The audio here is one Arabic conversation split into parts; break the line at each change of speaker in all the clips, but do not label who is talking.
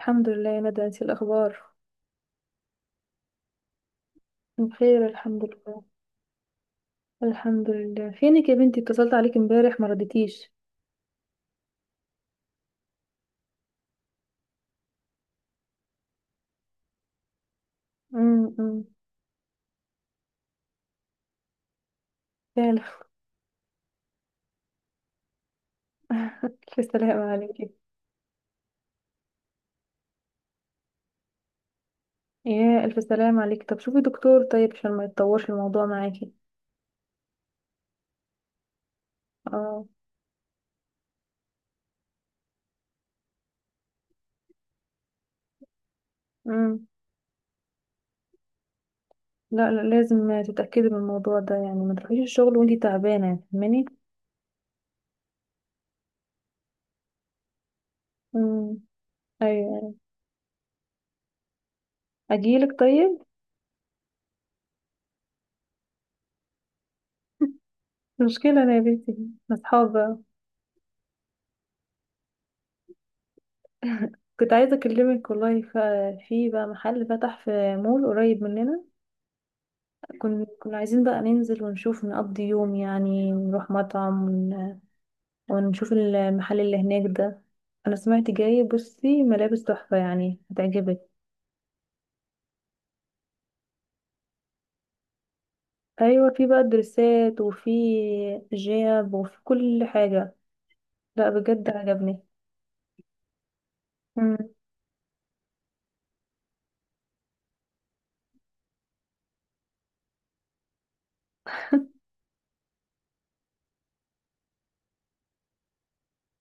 الحمد لله يا ندى، انتي الاخبار؟ بخير الحمد لله. الحمد لله، فينك يا بنتي؟ اتصلت عليك امبارح ما رديتيش. أمم. فعلا. الف سلام عليكي. يا الف سلام عليكي، طب شوفي دكتور طيب عشان ما يتطورش الموضوع معاكي. اه. امم. لا لا لازم تتاكدي من الموضوع ده، يعني ما تروحيش الشغل وانتي تعبانه، فاهماني؟ امم. ايوه. اجيلك طيب؟ مشكلة أنا يا بنتي. أصحاب بقى. كنت عايزة أكلمك والله في بقى محل فتح في مول قريب مننا. كنا عايزين بقى ننزل ونشوف نقضي يوم، يعني نروح مطعم ونشوف المحل اللي هناك ده. انا سمعت جاي، بصي ملابس تحفة يعني هتعجبك. ايوه في بقى دريسات وفي جياب وفي كل حاجة. لا بجد عجبني. مم.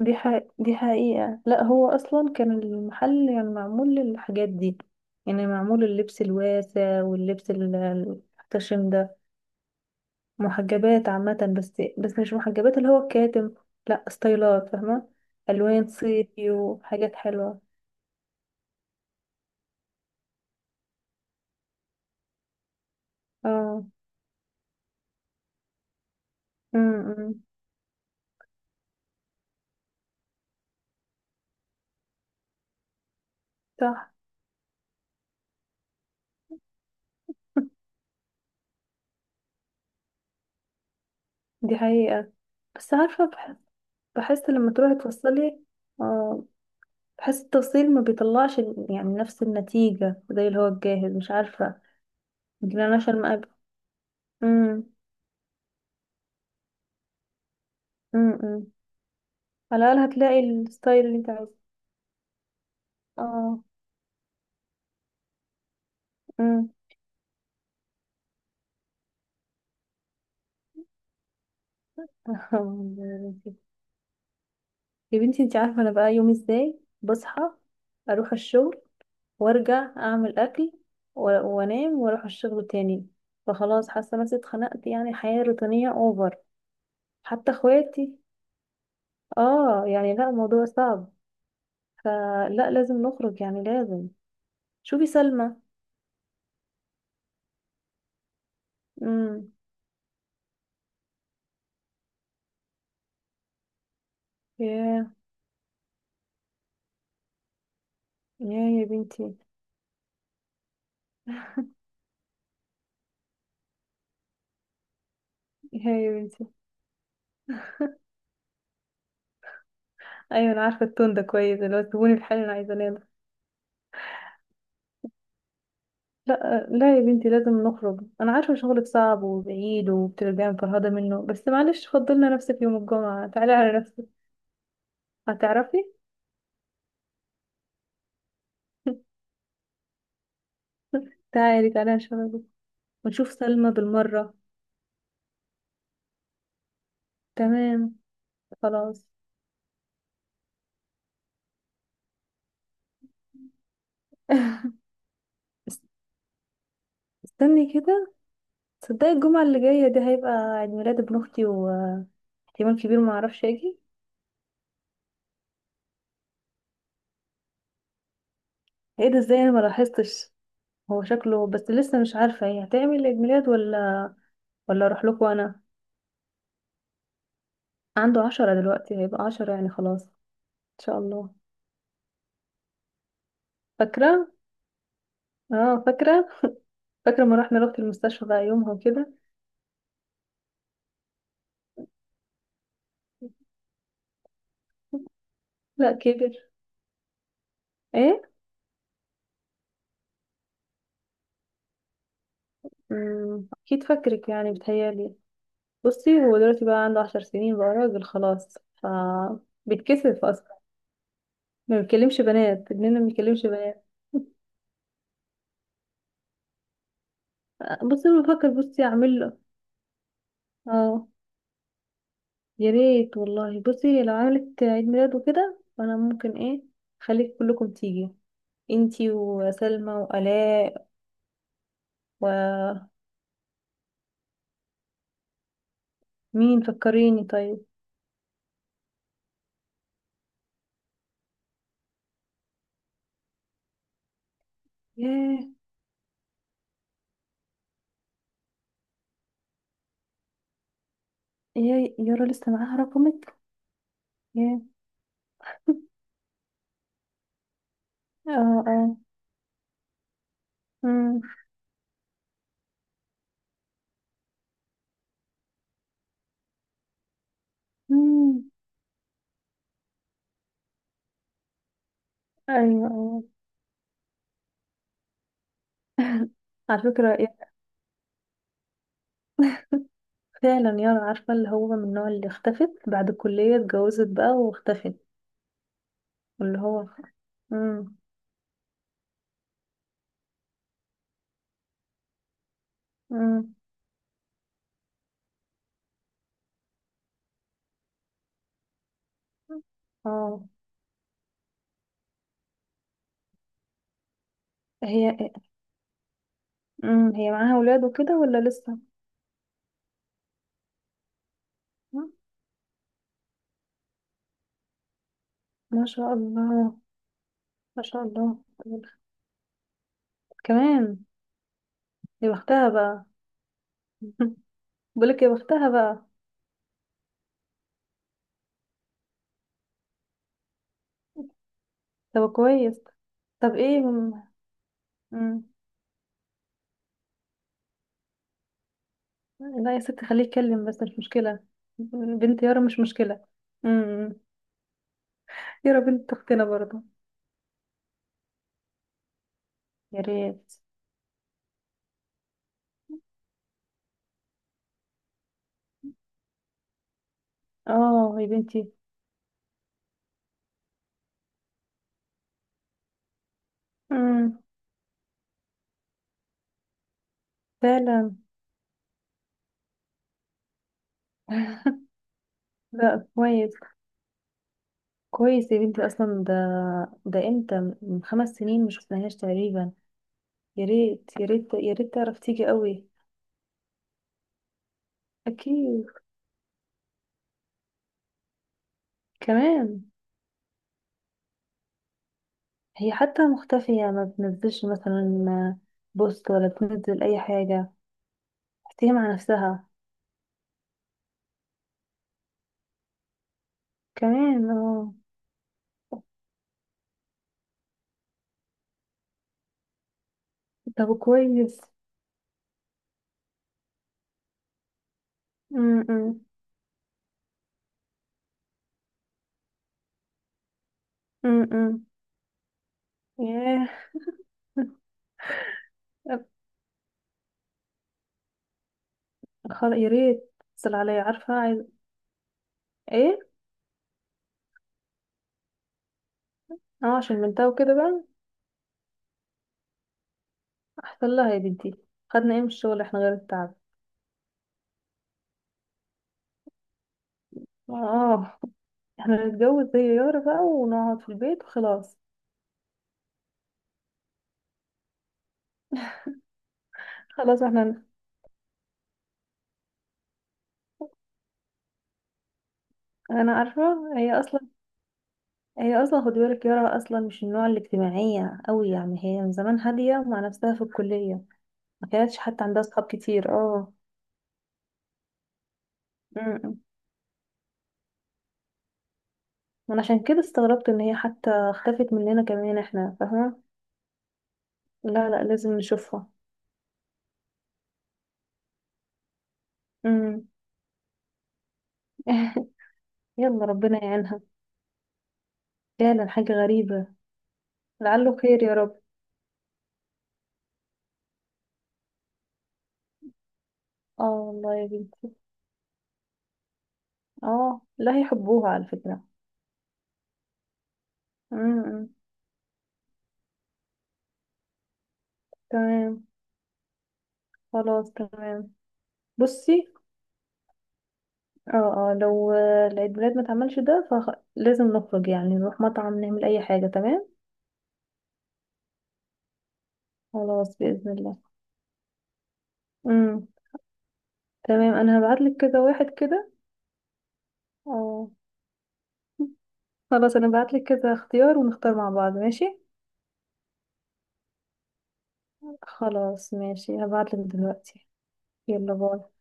دي ح... دي حقيقة، لا هو اصلا كان المحل يعني معمول للحاجات دي. يعني معمول اللبس الواسع واللبس المحتشم ده. محجبات عامة، بس مش محجبات اللي هو الكاتم. لا ستايلات، فاهمة؟ ألوان صيفي وحاجات حلوة. اه. امم. صح. دي حقيقة. بس عارفة بحس لما تروحي توصلي. اه. بحس التوصيل ما بيطلعش يعني نفس النتيجة زي اللي هو الجاهز، مش عارفة. يمكن انا عشان ما أب- امم. امم. على الأقل هتلاقي الستايل اللي انت عايزه. اه. امم. يا بنتي انت عارفة انا بقى يومي ازاي، بصحى اروح الشغل وارجع اعمل اكل و- وانام واروح الشغل تاني. فخلاص حاسة نفسي اتخنقت، يعني حياة روتينية اوفر. حتى اخواتي. اه يعني لا، الموضوع صعب. فلا لازم نخرج، يعني لازم. شوفي سلمى. امم. ياه. ياه يا بنتي. ياه يا بنتي. ايوه انا عارفة التون ده كويس، اللي هو سيبوني في حالي انا عايزة انام. لا لا يا بنتي، لازم نخرج. انا عارفه شغلك صعب وبعيد وبترجعي مفرهده منه، بس معلش فضلنا نفسك. يوم الجمعه تعالي على نفسك. هتعرفي. تعالي تعالي نشربك ونشوف سلمى بالمره. تمام. خلاص. است- استني كده. تصدقي الجمعه اللي جايه دي هيبقى عيد ميلاد ابن اختي، واحتمال كبير ما اعرفش اجي. ايه ده؟ ازاي انا ما لاحظتش؟ هو شكله، بس لسه مش عارفه هي هتعمل عيد ميلاد ولا. ولا اروح لكم انا. عنده 10 دلوقتي، هيبقى 10 يعني خلاص. ان شاء الله. فاكرة. اه فاكرة. فاكرة، ما رحنا رحت المستشفى بقى يومها وكده. لا كبر. ايه. مم، اكيد فاكرك يعني بتهيالي. بصي هو دلوقتي بقى عنده 10 سنين، بقى راجل خلاص ف بيتكسف اصلا. ما بيكلمش بنات ابننا، ما بيكلمش بنات. بصي انا بفكر، بصي اعمل له. اه. يا ريت والله. بصي لو عملت عيد ميلاد وكده فانا ممكن ايه، خليك كلكم تيجي، انتي وسلمى وآلاء. ومين؟ فكريني طيب. ياه. يا يارا لسه معاها رقمك؟ يا اه، اه. مم. مم. ايوه، ايوه. على فكرة فعلا يارا، عارفة اللي هو من النوع اللي اختفت بعد الكلية، اتجوزت بقى واختفت. اللي هو. مم. مم. اه. هي. مم. هي معاها ولاد وكده ولا لسه؟ مم. ما شاء الله. ما شاء الله. كمان. يا بختها بقى. بقولك يا بختها بقى. طب كويس. طب ايه مم. لا يا ست، خليه يتكلم، بس مش مشكلة. بنت يارا مش مشكلة. امم. يارا بنت اختنا برضه. يا ريت. اه يا بنتي. امم. فعلا. لا كويس. كويس يا بنتي، اصلا ده ده امتى، من 5 سنين مش شفناهاش تقريبا. يا ريت يا ريت يا ريت تعرف تيجي قوي. اكيد. كمان. هي حتى مختفية، ما بتنزلش مثلا بوست، ولا بتنزل اي حاجة. تحكي مع نفسها. كمان اه. طب كويس. امم. امم. ياه. خلاص يا ريت. اتصل عليا عارفة عايز ايه. اه، عشان بنتها وكده بقى. احسن لها يا بنتي. خدنا ايه من الشغل احنا غير التعب؟ اه. احنا نتجوز زي يارا بقى ونقعد في البيت وخلاص. خلاص احنا. انا عارفة هي اصلا. هي اصلا خدي بالك، يارا اصلا مش النوع الاجتماعية قوي، يعني هي من زمان هادية مع نفسها في الكلية. ما كانتش حتى عندها صحاب كتير، اه. انا عشان كده استغربت ان هي حتى اختفت مننا كمان، احنا فاهمة. لا لا لازم نشوفها. امم. يلا ربنا يعينها. فعلا حاجة غريبة. لعله خير يا رب. اه والله يا بنتي. اه لا، هيحبوها على فكرة. امم. تمام. خلاص تمام. بصي، اه اه لو العيد ميلاد ما اتعملش ده، فلازم نخرج يعني نروح مطعم نعمل اي حاجة، تمام. خلاص بإذن الله. امم. تمام، انا هبعتلك كده واحد كده. اه. خلاص، انا بعتلك كذا اختيار ونختار مع بعض، ماشي. خلاص ماشي، هبعتلك دلوقتي. يلا باي.